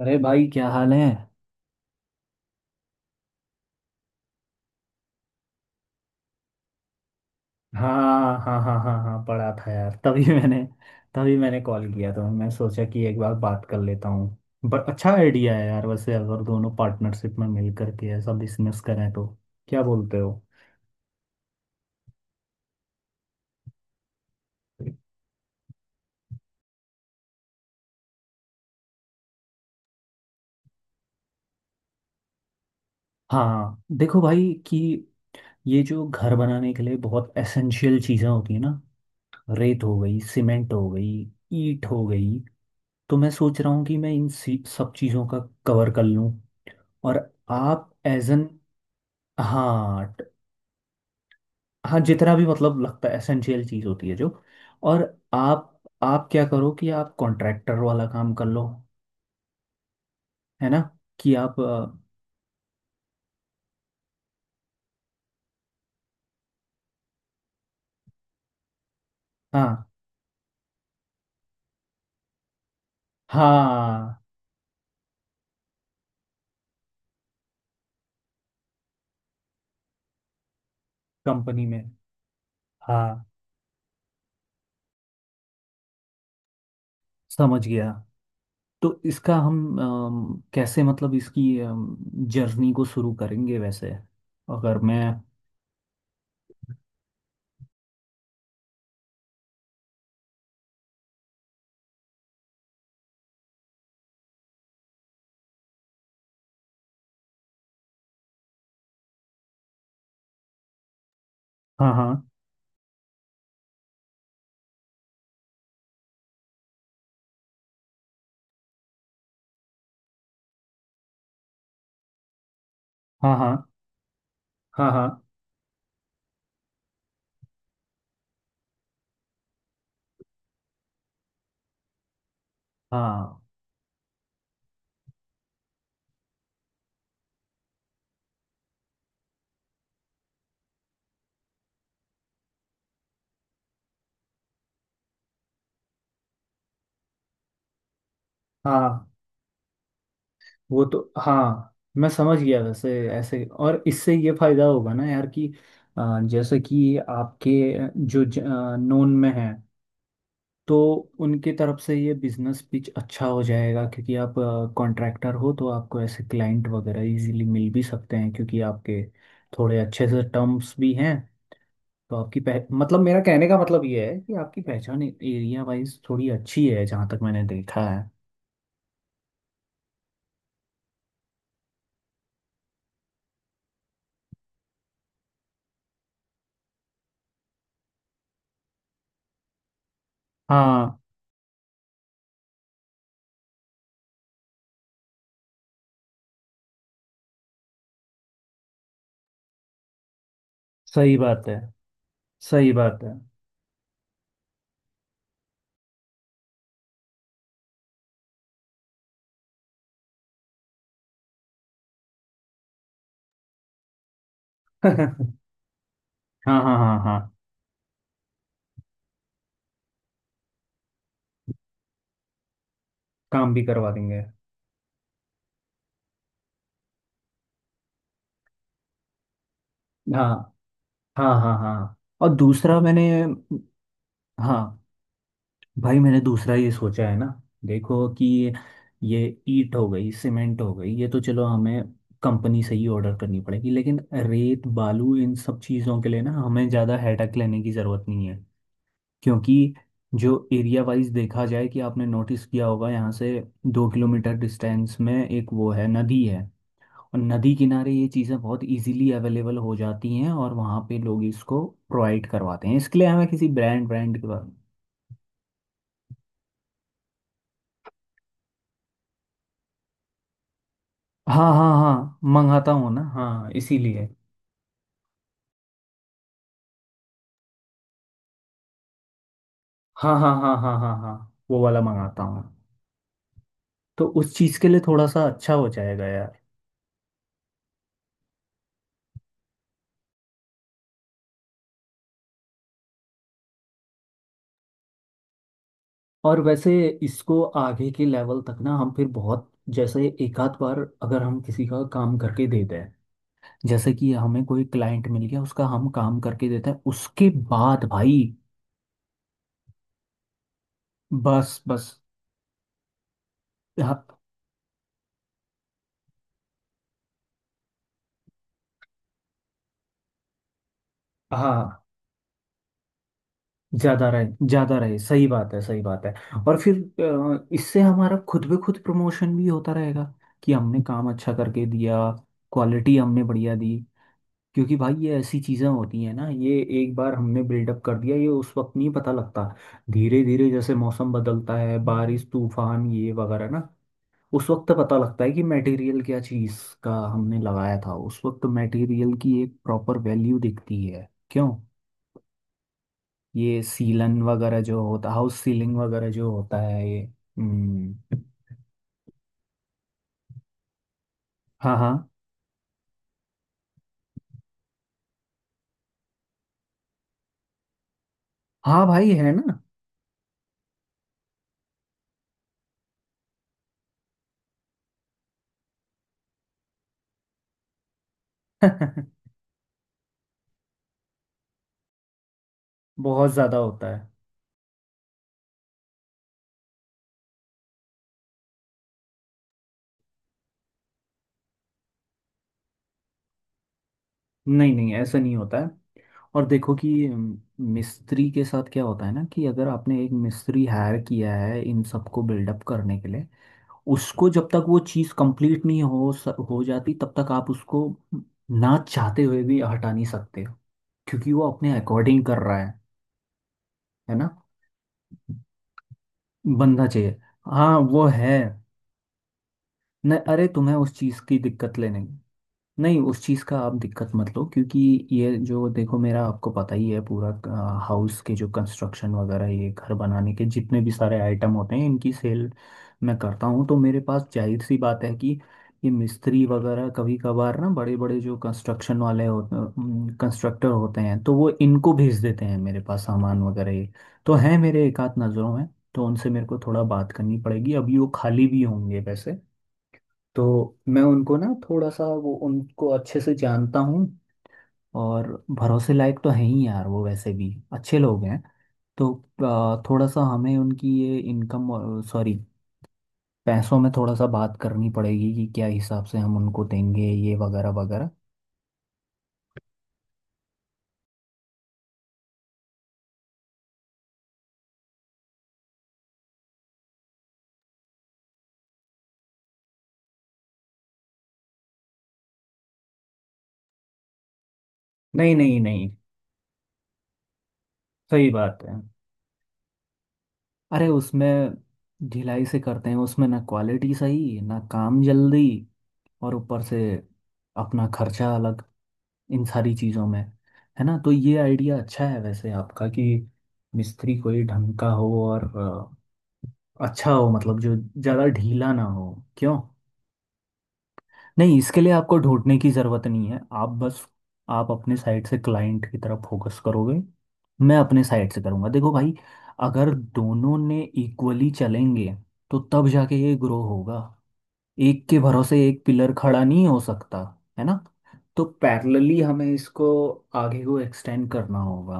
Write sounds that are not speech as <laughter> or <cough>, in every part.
अरे भाई क्या हाल है। हाँ हाँ हाँ हाँ हाँ पढ़ा था यार। तभी मैंने कॉल किया था। मैं सोचा कि एक बार बात कर लेता हूँ, बट अच्छा आइडिया है यार वैसे। अगर दोनों पार्टनरशिप में मिल करके ऐसा बिजनेस करें तो क्या बोलते हो। हाँ देखो भाई कि ये जो घर बनाने के लिए बहुत एसेंशियल चीज़ें होती है ना, रेत हो गई, सीमेंट हो गई, ईंट हो गई। तो मैं सोच रहा हूँ कि मैं इन सब चीज़ों का कवर कर लूँ। और आप एज एन। हाँ। हाँ जितना भी मतलब लगता है एसेंशियल चीज होती है जो। और आप आप क्या करो कि आप कॉन्ट्रैक्टर वाला काम कर लो, है ना। कि आप हाँ। हाँ कंपनी में। हाँ समझ गया। तो इसका हम कैसे मतलब इसकी जर्नी को शुरू करेंगे वैसे, अगर मैं। हाँ हाँ हाँ हाँ हाँ हाँ हाँ हाँ वो तो हाँ मैं समझ गया वैसे ऐसे। और इससे ये फायदा होगा ना यार कि जैसे कि आपके जो नोन में है, तो उनकी तरफ से ये बिजनेस पिच अच्छा हो जाएगा क्योंकि आप कॉन्ट्रैक्टर हो, तो आपको ऐसे क्लाइंट वगैरह इजीली मिल भी सकते हैं क्योंकि आपके थोड़े अच्छे से टर्म्स भी हैं। तो आपकी पह मतलब मेरा कहने का मतलब ये है कि आपकी पहचान एरिया वाइज थोड़ी अच्छी है, जहाँ तक मैंने देखा है। हाँ सही बात है, सही बात है। <laughs> हाँ हाँ हाँ हाँ काम भी करवा देंगे। हाँ हाँ हाँ हाँ और दूसरा मैंने। हाँ भाई मैंने दूसरा ये सोचा है ना। देखो कि ये ईट हो गई, सीमेंट हो गई, ये तो चलो हमें कंपनी से ही ऑर्डर करनी पड़ेगी। लेकिन रेत बालू इन सब चीज़ों के लिए ना हमें ज़्यादा हेडक लेने की ज़रूरत नहीं है। क्योंकि जो एरिया वाइज देखा जाए, कि आपने नोटिस किया होगा यहाँ से 2 किलोमीटर डिस्टेंस में एक वो है, नदी है। और नदी किनारे ये चीज़ें बहुत इजीली अवेलेबल हो जाती हैं और वहाँ पे लोग इसको प्रोवाइड करवाते हैं। इसके लिए हमें किसी ब्रांड ब्रांड के बारे। हाँ हाँ हाँ मंगाता हूँ ना, हाँ इसीलिए। हाँ हाँ हाँ हाँ हाँ हाँ वो वाला मंगाता हूँ। तो उस चीज़ के लिए थोड़ा सा अच्छा हो जाएगा यार। और वैसे इसको आगे के लेवल तक ना हम फिर बहुत, जैसे एक आध बार अगर हम किसी का काम करके देते हैं, जैसे कि हमें कोई क्लाइंट मिल गया, उसका हम काम करके देते हैं, उसके बाद भाई। बस बस। हाँ, हाँ ज्यादा रहे, ज्यादा रहे। सही बात है, सही बात है। और फिर इससे हमारा खुद ब खुद प्रमोशन भी होता रहेगा कि हमने काम अच्छा करके दिया, क्वालिटी हमने बढ़िया दी। क्योंकि भाई ये ऐसी चीज़ें होती हैं ना ये, एक बार हमने बिल्डअप कर दिया ये उस वक्त नहीं पता लगता। धीरे धीरे जैसे मौसम बदलता है, बारिश तूफान ये वगैरह ना, उस वक्त पता लगता है कि मटेरियल क्या चीज़ का हमने लगाया था। उस वक्त मटेरियल की एक प्रॉपर वैल्यू दिखती है, क्यों। ये सीलन वगैरह जो होता, हाउस सीलिंग वगैरह जो होता है ये। हम्म। हाँ हाँ हाँ भाई है ना। <laughs> बहुत ज्यादा होता है। नहीं नहीं, ऐसा नहीं होता है। और देखो कि मिस्त्री के साथ क्या होता है ना कि अगर आपने एक मिस्त्री हायर किया है इन सबको बिल्डअप करने के लिए, उसको जब तक वो चीज़ कंप्लीट नहीं हो जाती, तब तक आप उसको ना चाहते हुए भी हटा नहीं सकते हो, क्योंकि वो अपने अकॉर्डिंग कर रहा है ना। बंदा चाहिए। हाँ वो है। न अरे तुम्हें उस चीज़ की दिक्कत लेने। नहीं, उस चीज़ का आप दिक्कत मत लो क्योंकि ये जो देखो, मेरा आपको पता ही है पूरा, हाउस के जो कंस्ट्रक्शन वगैरह ये घर बनाने के जितने भी सारे आइटम होते हैं इनकी सेल मैं करता हूँ। तो मेरे पास जाहिर सी बात है कि ये मिस्त्री वगैरह कभी कभार ना, बड़े बड़े जो कंस्ट्रक्शन वाले होते कंस्ट्रक्टर होते हैं, तो वो इनको भेज देते हैं मेरे पास सामान वगैरह ये। तो हैं मेरे एक आध नज़रों में। तो उनसे मेरे को थोड़ा बात करनी पड़ेगी, अभी वो खाली भी होंगे वैसे। तो मैं उनको ना थोड़ा सा वो, उनको अच्छे से जानता हूँ। और भरोसे लायक तो है ही यार वो, वैसे भी अच्छे लोग हैं। तो थोड़ा सा हमें उनकी ये इनकम, सॉरी पैसों में थोड़ा सा बात करनी पड़ेगी कि क्या हिसाब से हम उनको देंगे, ये वगैरह वगैरह। नहीं नहीं नहीं। सही बात है। अरे उसमें ढिलाई से करते हैं, उसमें ना क्वालिटी सही ना काम जल्दी। और ऊपर से अपना खर्चा अलग इन सारी चीज़ों में, है ना। तो ये आइडिया अच्छा है वैसे आपका कि मिस्त्री कोई ढंग का हो और अच्छा हो, मतलब जो ज़्यादा ढीला ना हो, क्यों। नहीं इसके लिए आपको ढूंढने की ज़रूरत नहीं है। आप बस आप अपने साइड से क्लाइंट की तरफ फोकस करोगे, मैं अपने साइड से करूँगा। देखो भाई अगर दोनों ने इक्वली चलेंगे तो तब जाके ये ग्रो होगा। एक के भरोसे एक पिलर खड़ा नहीं हो सकता, है ना। तो पैरेलली हमें इसको आगे को एक्सटेंड करना होगा।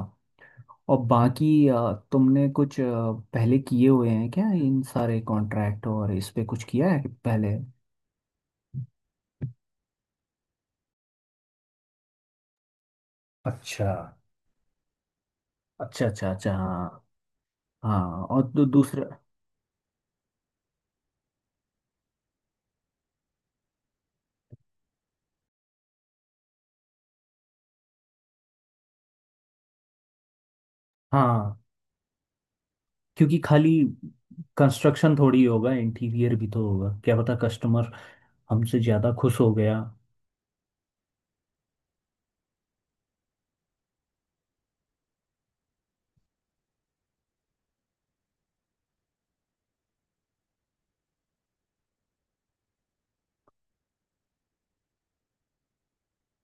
और बाकी तुमने कुछ पहले किए हुए हैं क्या इन सारे कॉन्ट्रैक्ट और इस पे कुछ किया है पहले। अच्छा, अच्छा अच्छा अच्छा, हाँ। हाँ और दूसरा। हाँ क्योंकि खाली कंस्ट्रक्शन थोड़ी होगा, इंटीरियर भी तो होगा। क्या पता कस्टमर हमसे ज़्यादा खुश हो गया।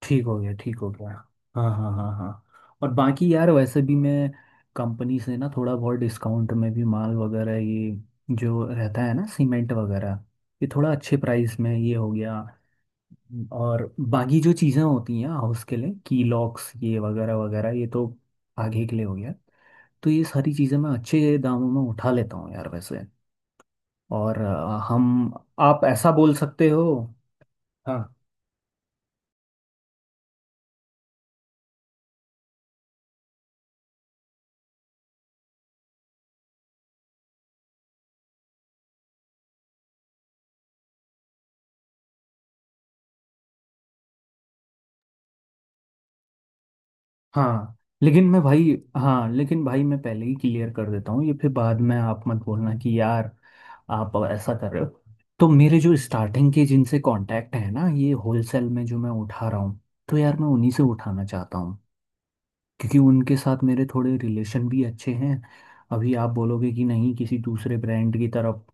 ठीक हो गया, ठीक हो गया। हाँ हाँ हाँ हाँ। और बाकी यार वैसे भी मैं कंपनी से ना थोड़ा बहुत डिस्काउंट में भी माल वगैरह ये जो रहता है ना, सीमेंट वगैरह ये थोड़ा अच्छे प्राइस में ये हो गया। और बाकी जो चीज़ें होती हैं हाउस के लिए की लॉक्स ये वगैरह वगैरह, ये तो आगे के लिए हो गया। तो ये सारी चीज़ें मैं अच्छे दामों में उठा लेता हूँ यार वैसे। और हम, आप ऐसा बोल सकते हो। हाँ। हाँ लेकिन भाई मैं पहले ही क्लियर कर देता हूँ, ये फिर बाद में आप मत बोलना कि यार आप ऐसा कर रहे हो। तो मेरे जो स्टार्टिंग के जिनसे कांटेक्ट है ना, ये होलसेल में जो मैं उठा रहा हूँ, तो यार मैं उन्हीं से उठाना चाहता हूँ, क्योंकि उनके साथ मेरे थोड़े रिलेशन भी अच्छे हैं। अभी आप बोलोगे कि नहीं किसी दूसरे ब्रांड की तरफ,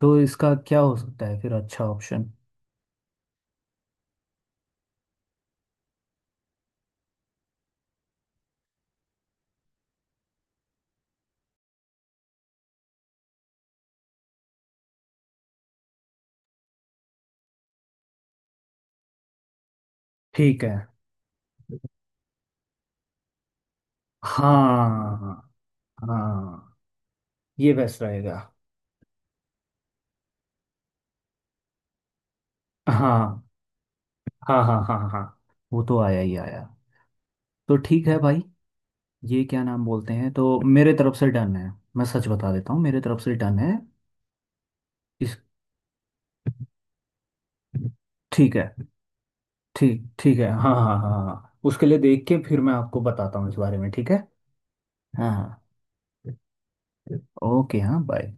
तो इसका क्या हो सकता है फिर अच्छा ऑप्शन। ठीक है। हाँ हाँ। ये बेस्ट रहेगा। हाँ हाँ हाँ हाँ हाँ हाँ। वो तो आया ही आया। तो ठीक है भाई, ये क्या नाम बोलते हैं, तो मेरे तरफ से डन है। मैं सच बता देता हूँ, मेरे तरफ से डन है। इस ठीक है, ठीक ठीक है। हाँ हाँ हाँ हाँ उसके लिए देख के फिर मैं आपको बताता हूँ इस बारे में, ठीक है। हाँ हाँ, ओके, हाँ बाय।